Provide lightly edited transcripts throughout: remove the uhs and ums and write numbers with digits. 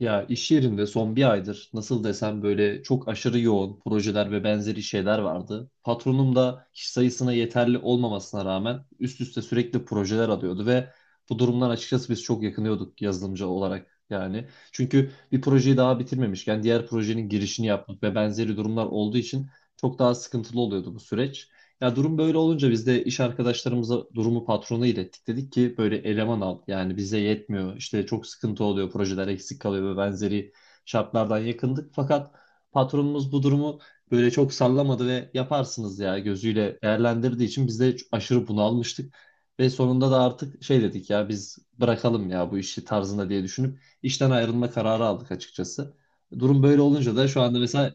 Ya iş yerinde son bir aydır nasıl desem böyle çok aşırı yoğun projeler ve benzeri şeyler vardı. Patronum da kişi sayısına yeterli olmamasına rağmen üst üste sürekli projeler alıyordu ve bu durumdan açıkçası biz çok yakınıyorduk yazılımcı olarak yani. Çünkü bir projeyi daha bitirmemişken diğer projenin girişini yapmak ve benzeri durumlar olduğu için çok daha sıkıntılı oluyordu bu süreç. Ya durum böyle olunca biz de iş arkadaşlarımıza durumu patrona ilettik. Dedik ki böyle eleman al. Yani bize yetmiyor. İşte çok sıkıntı oluyor. Projeler eksik kalıyor ve benzeri şartlardan yakındık. Fakat patronumuz bu durumu böyle çok sallamadı ve yaparsınız ya gözüyle değerlendirdiği için biz de aşırı bunalmıştık. Ve sonunda da artık şey dedik ya biz bırakalım ya bu işi tarzında diye düşünüp işten ayrılma kararı aldık açıkçası. Durum böyle olunca da şu anda mesela.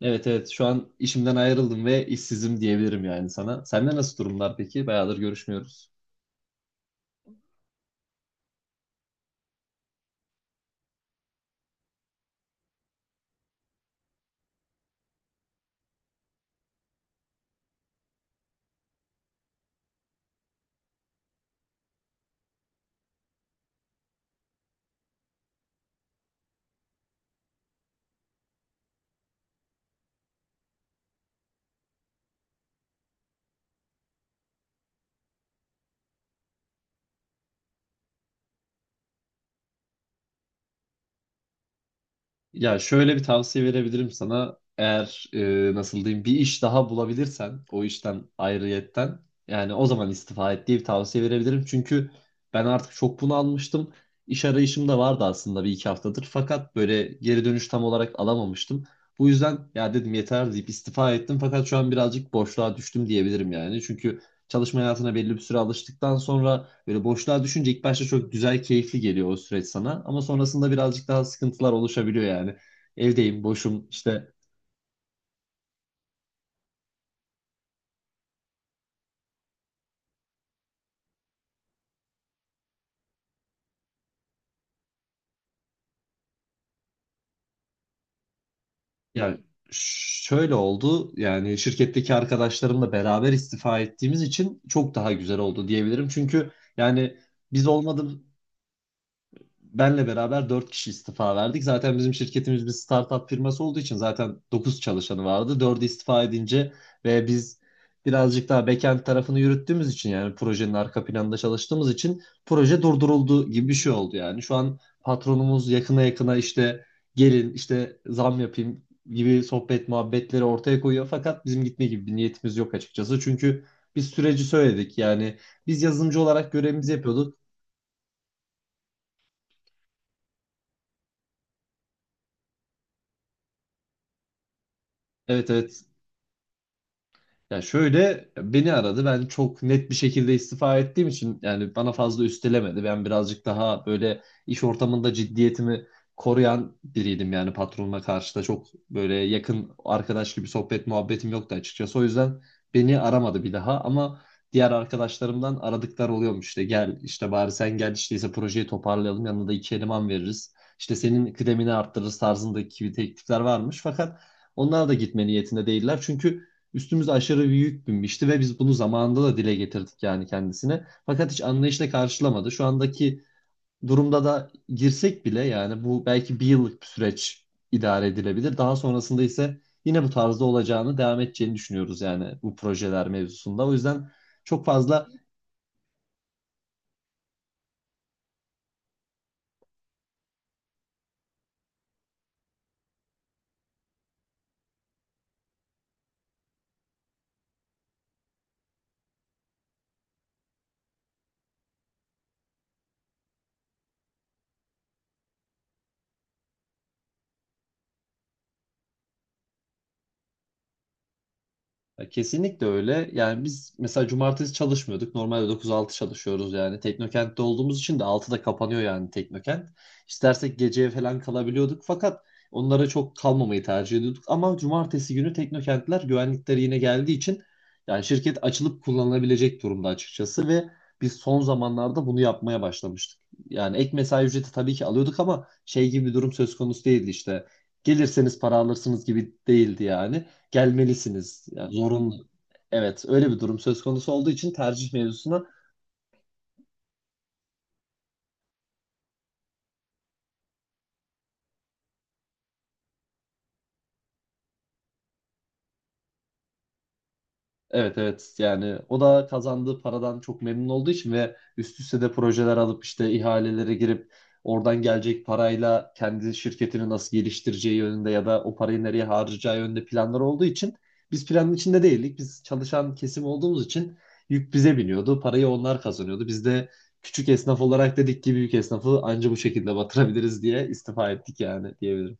Evet, evet, şu an işimden ayrıldım ve işsizim diyebilirim yani sana. Sende nasıl durumlar peki? Bayağıdır görüşmüyoruz. Ya şöyle bir tavsiye verebilirim sana. Eğer nasıl diyeyim bir iş daha bulabilirsen o işten ayrıyetten yani o zaman istifa et diye bir tavsiye verebilirim. Çünkü ben artık çok bunu almıştım. İş arayışım da vardı aslında bir iki haftadır. Fakat böyle geri dönüş tam olarak alamamıştım. Bu yüzden ya dedim yeter deyip istifa ettim. Fakat şu an birazcık boşluğa düştüm diyebilirim yani. Çünkü çalışma hayatına belli bir süre alıştıktan sonra böyle boşluğa düşünce ilk başta çok güzel, keyifli geliyor o süreç sana. Ama sonrasında birazcık daha sıkıntılar oluşabiliyor yani. Evdeyim, boşum işte. Ya şöyle oldu yani şirketteki arkadaşlarımla beraber istifa ettiğimiz için çok daha güzel oldu diyebilirim. Çünkü yani biz olmadı benle beraber 4 kişi istifa verdik. Zaten bizim şirketimiz bir startup firması olduğu için zaten 9 çalışanı vardı. 4'ü istifa edince ve biz birazcık daha backend tarafını yürüttüğümüz için yani projenin arka planında çalıştığımız için proje durduruldu gibi bir şey oldu yani. Şu an patronumuz yakına yakına işte gelin işte zam yapayım gibi sohbet muhabbetleri ortaya koyuyor. Fakat bizim gitme gibi bir niyetimiz yok açıkçası. Çünkü biz süreci söyledik yani biz yazılımcı olarak görevimizi yapıyorduk. Evet, evet. Ya şöyle beni aradı. Ben çok net bir şekilde istifa ettiğim için yani bana fazla üstelemedi. Ben birazcık daha böyle iş ortamında ciddiyetimi koruyan biriydim yani patronuma karşı da çok böyle yakın arkadaş gibi sohbet muhabbetim yoktu açıkçası. O yüzden beni aramadı bir daha ama diğer arkadaşlarımdan aradıklar oluyormuş işte gel işte bari sen gel işte ise projeyi toparlayalım yanına da iki eleman veririz. İşte senin kıdemini arttırırız tarzındaki teklifler varmış fakat onlar da gitme niyetinde değiller çünkü üstümüze aşırı bir yük binmişti ve biz bunu zamanında da dile getirdik yani kendisine. Fakat hiç anlayışla karşılamadı. Şu andaki durumda da girsek bile yani bu belki bir yıllık bir süreç idare edilebilir. Daha sonrasında ise yine bu tarzda olacağını, devam edeceğini düşünüyoruz yani bu projeler mevzusunda. O yüzden çok fazla. Ya kesinlikle öyle. Yani biz mesela cumartesi çalışmıyorduk. Normalde 9-6 çalışıyoruz yani. Teknokent'te olduğumuz için de 6'da kapanıyor yani Teknokent. İstersek geceye falan kalabiliyorduk. Fakat onlara çok kalmamayı tercih ediyorduk. Ama cumartesi günü Teknokentler güvenlikleri yine geldiği için yani şirket açılıp kullanılabilecek durumda açıkçası ve biz son zamanlarda bunu yapmaya başlamıştık. Yani ek mesai ücreti tabii ki alıyorduk ama şey gibi bir durum söz konusu değildi işte. Gelirseniz para alırsınız gibi değildi yani, gelmelisiniz. Yani zorunlu. Evet, öyle bir durum söz konusu olduğu için tercih mevzusuna evet, evet yani o da kazandığı paradan çok memnun olduğu için ve üst üste de projeler alıp işte ihalelere girip oradan gelecek parayla kendi şirketini nasıl geliştireceği yönünde ya da o parayı nereye harcayacağı yönünde planlar olduğu için biz planın içinde değildik. Biz çalışan kesim olduğumuz için yük bize biniyordu. Parayı onlar kazanıyordu. Biz de küçük esnaf olarak dedik ki büyük esnafı anca bu şekilde batırabiliriz diye istifa ettik yani diyebilirim.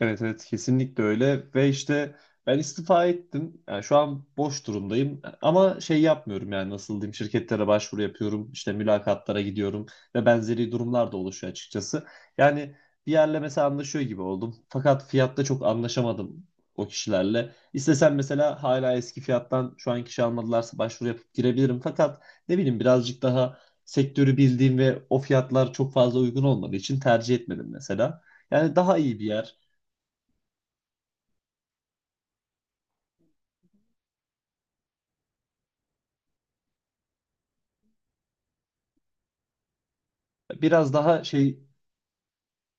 Evet, evet, kesinlikle öyle ve işte ben istifa ettim. Yani şu an boş durumdayım ama şey yapmıyorum yani nasıl diyeyim şirketlere başvuru yapıyorum işte mülakatlara gidiyorum ve benzeri durumlar da oluşuyor açıkçası. Yani bir yerle mesela anlaşıyor gibi oldum fakat fiyatta çok anlaşamadım o kişilerle. İstesem mesela hala eski fiyattan şu an kişi almadılarsa başvuru yapıp girebilirim fakat ne bileyim birazcık daha sektörü bildiğim ve o fiyatlar çok fazla uygun olmadığı için tercih etmedim mesela. Yani daha iyi bir yer. Biraz daha şey,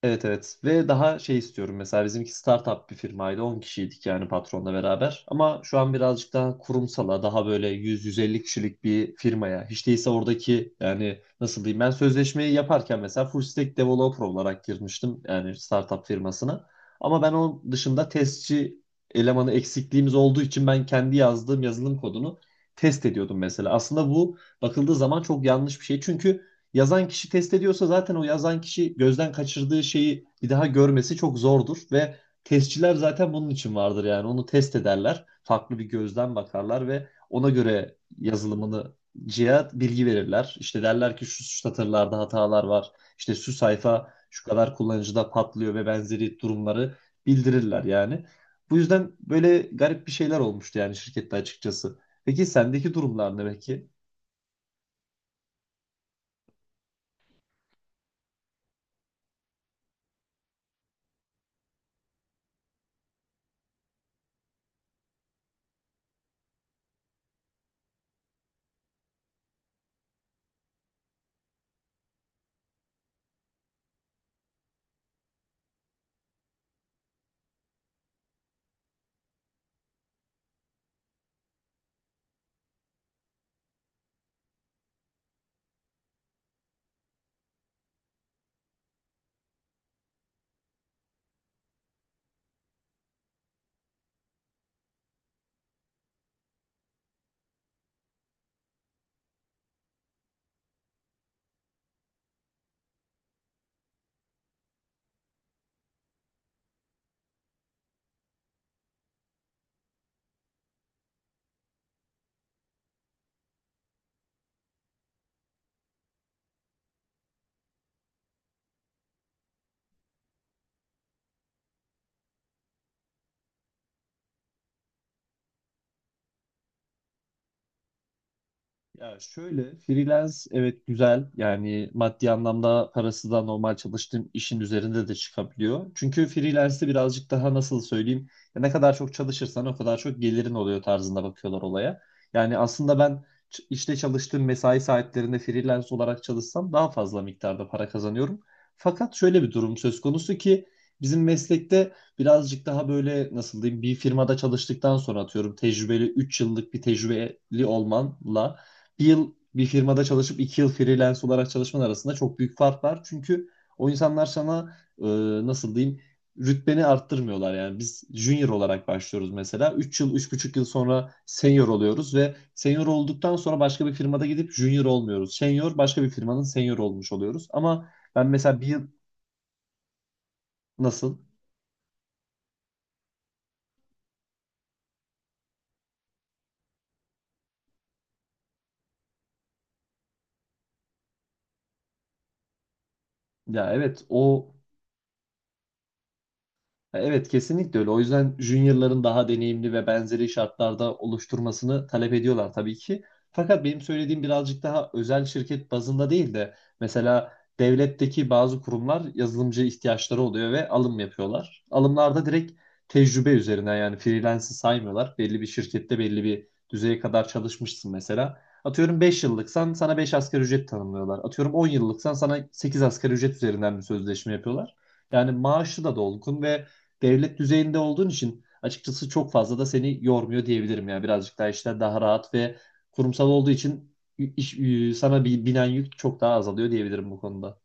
evet, evet ve daha şey istiyorum mesela, bizimki startup bir firmaydı, 10 kişiydik yani patronla beraber, ama şu an birazcık daha kurumsala, daha böyle 100-150 kişilik bir firmaya hiç değilse. Oradaki yani nasıl diyeyim, ben sözleşmeyi yaparken mesela full stack developer olarak girmiştim yani startup firmasına, ama ben onun dışında testçi elemanı eksikliğimiz olduğu için ben kendi yazdığım yazılım kodunu test ediyordum mesela. Aslında bu bakıldığı zaman çok yanlış bir şey çünkü yazan kişi test ediyorsa zaten o yazan kişi gözden kaçırdığı şeyi bir daha görmesi çok zordur ve testçiler zaten bunun için vardır yani, onu test ederler. Farklı bir gözden bakarlar ve ona göre yazılımını cihaz bilgi verirler. İşte derler ki şu satırlarda hatalar var. İşte şu sayfa şu kadar kullanıcıda patlıyor ve benzeri durumları bildirirler yani. Bu yüzden böyle garip bir şeyler olmuştu yani şirkette açıkçası. Peki sendeki durumlar ne peki? Ya şöyle, freelance, evet güzel yani maddi anlamda parası da normal çalıştığım işin üzerinde de çıkabiliyor. Çünkü freelance'de birazcık daha nasıl söyleyeyim, ya ne kadar çok çalışırsan o kadar çok gelirin oluyor tarzında bakıyorlar olaya. Yani aslında ben işte çalıştığım mesai saatlerinde freelance olarak çalışsam daha fazla miktarda para kazanıyorum. Fakat şöyle bir durum söz konusu ki bizim meslekte birazcık daha böyle nasıl diyeyim, bir firmada çalıştıktan sonra atıyorum tecrübeli, 3 yıllık bir tecrübeli olmanla 1 yıl bir firmada çalışıp 2 yıl freelance olarak çalışman arasında çok büyük fark var. Çünkü o insanlar sana nasıl diyeyim, rütbeni arttırmıyorlar. Yani biz junior olarak başlıyoruz mesela. 3 yıl, 3,5 yıl sonra senior oluyoruz ve senior olduktan sonra başka bir firmada gidip junior olmuyoruz. Senior, başka bir firmanın senior olmuş oluyoruz. Ama ben mesela bir yıl. Nasıl? Ya evet, o. Evet kesinlikle öyle. O yüzden juniorların daha deneyimli ve benzeri şartlarda oluşturmasını talep ediyorlar tabii ki. Fakat benim söylediğim birazcık daha özel şirket bazında değil de mesela devletteki bazı kurumlar yazılımcı ihtiyaçları oluyor ve alım yapıyorlar. Alımlarda direkt tecrübe üzerinden yani, freelance'ı saymıyorlar. Belli bir şirkette belli bir düzeye kadar çalışmışsın mesela. Atıyorum 5 yıllıksan sana 5 asgari ücret tanımlıyorlar. Atıyorum 10 yıllıksan sana 8 asgari ücret üzerinden bir sözleşme yapıyorlar. Yani maaşı da dolgun ve devlet düzeyinde olduğun için açıkçası çok fazla da seni yormuyor diyebilirim ya. Birazcık daha işler daha rahat ve kurumsal olduğu için iş, sana bir binen yük çok daha azalıyor diyebilirim bu konuda.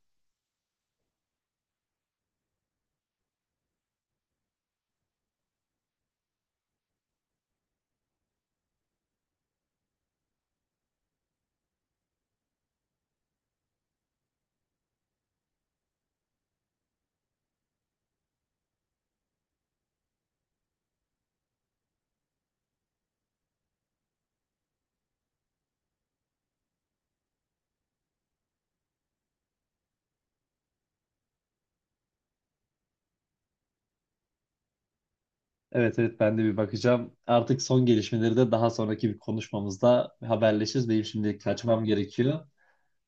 Evet, evet, ben de bir bakacağım. Artık son gelişmeleri de daha sonraki bir konuşmamızda haberleşiriz. Benim şimdi kaçmam gerekiyor.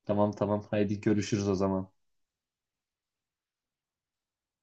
Tamam, tamam, haydi görüşürüz o zaman.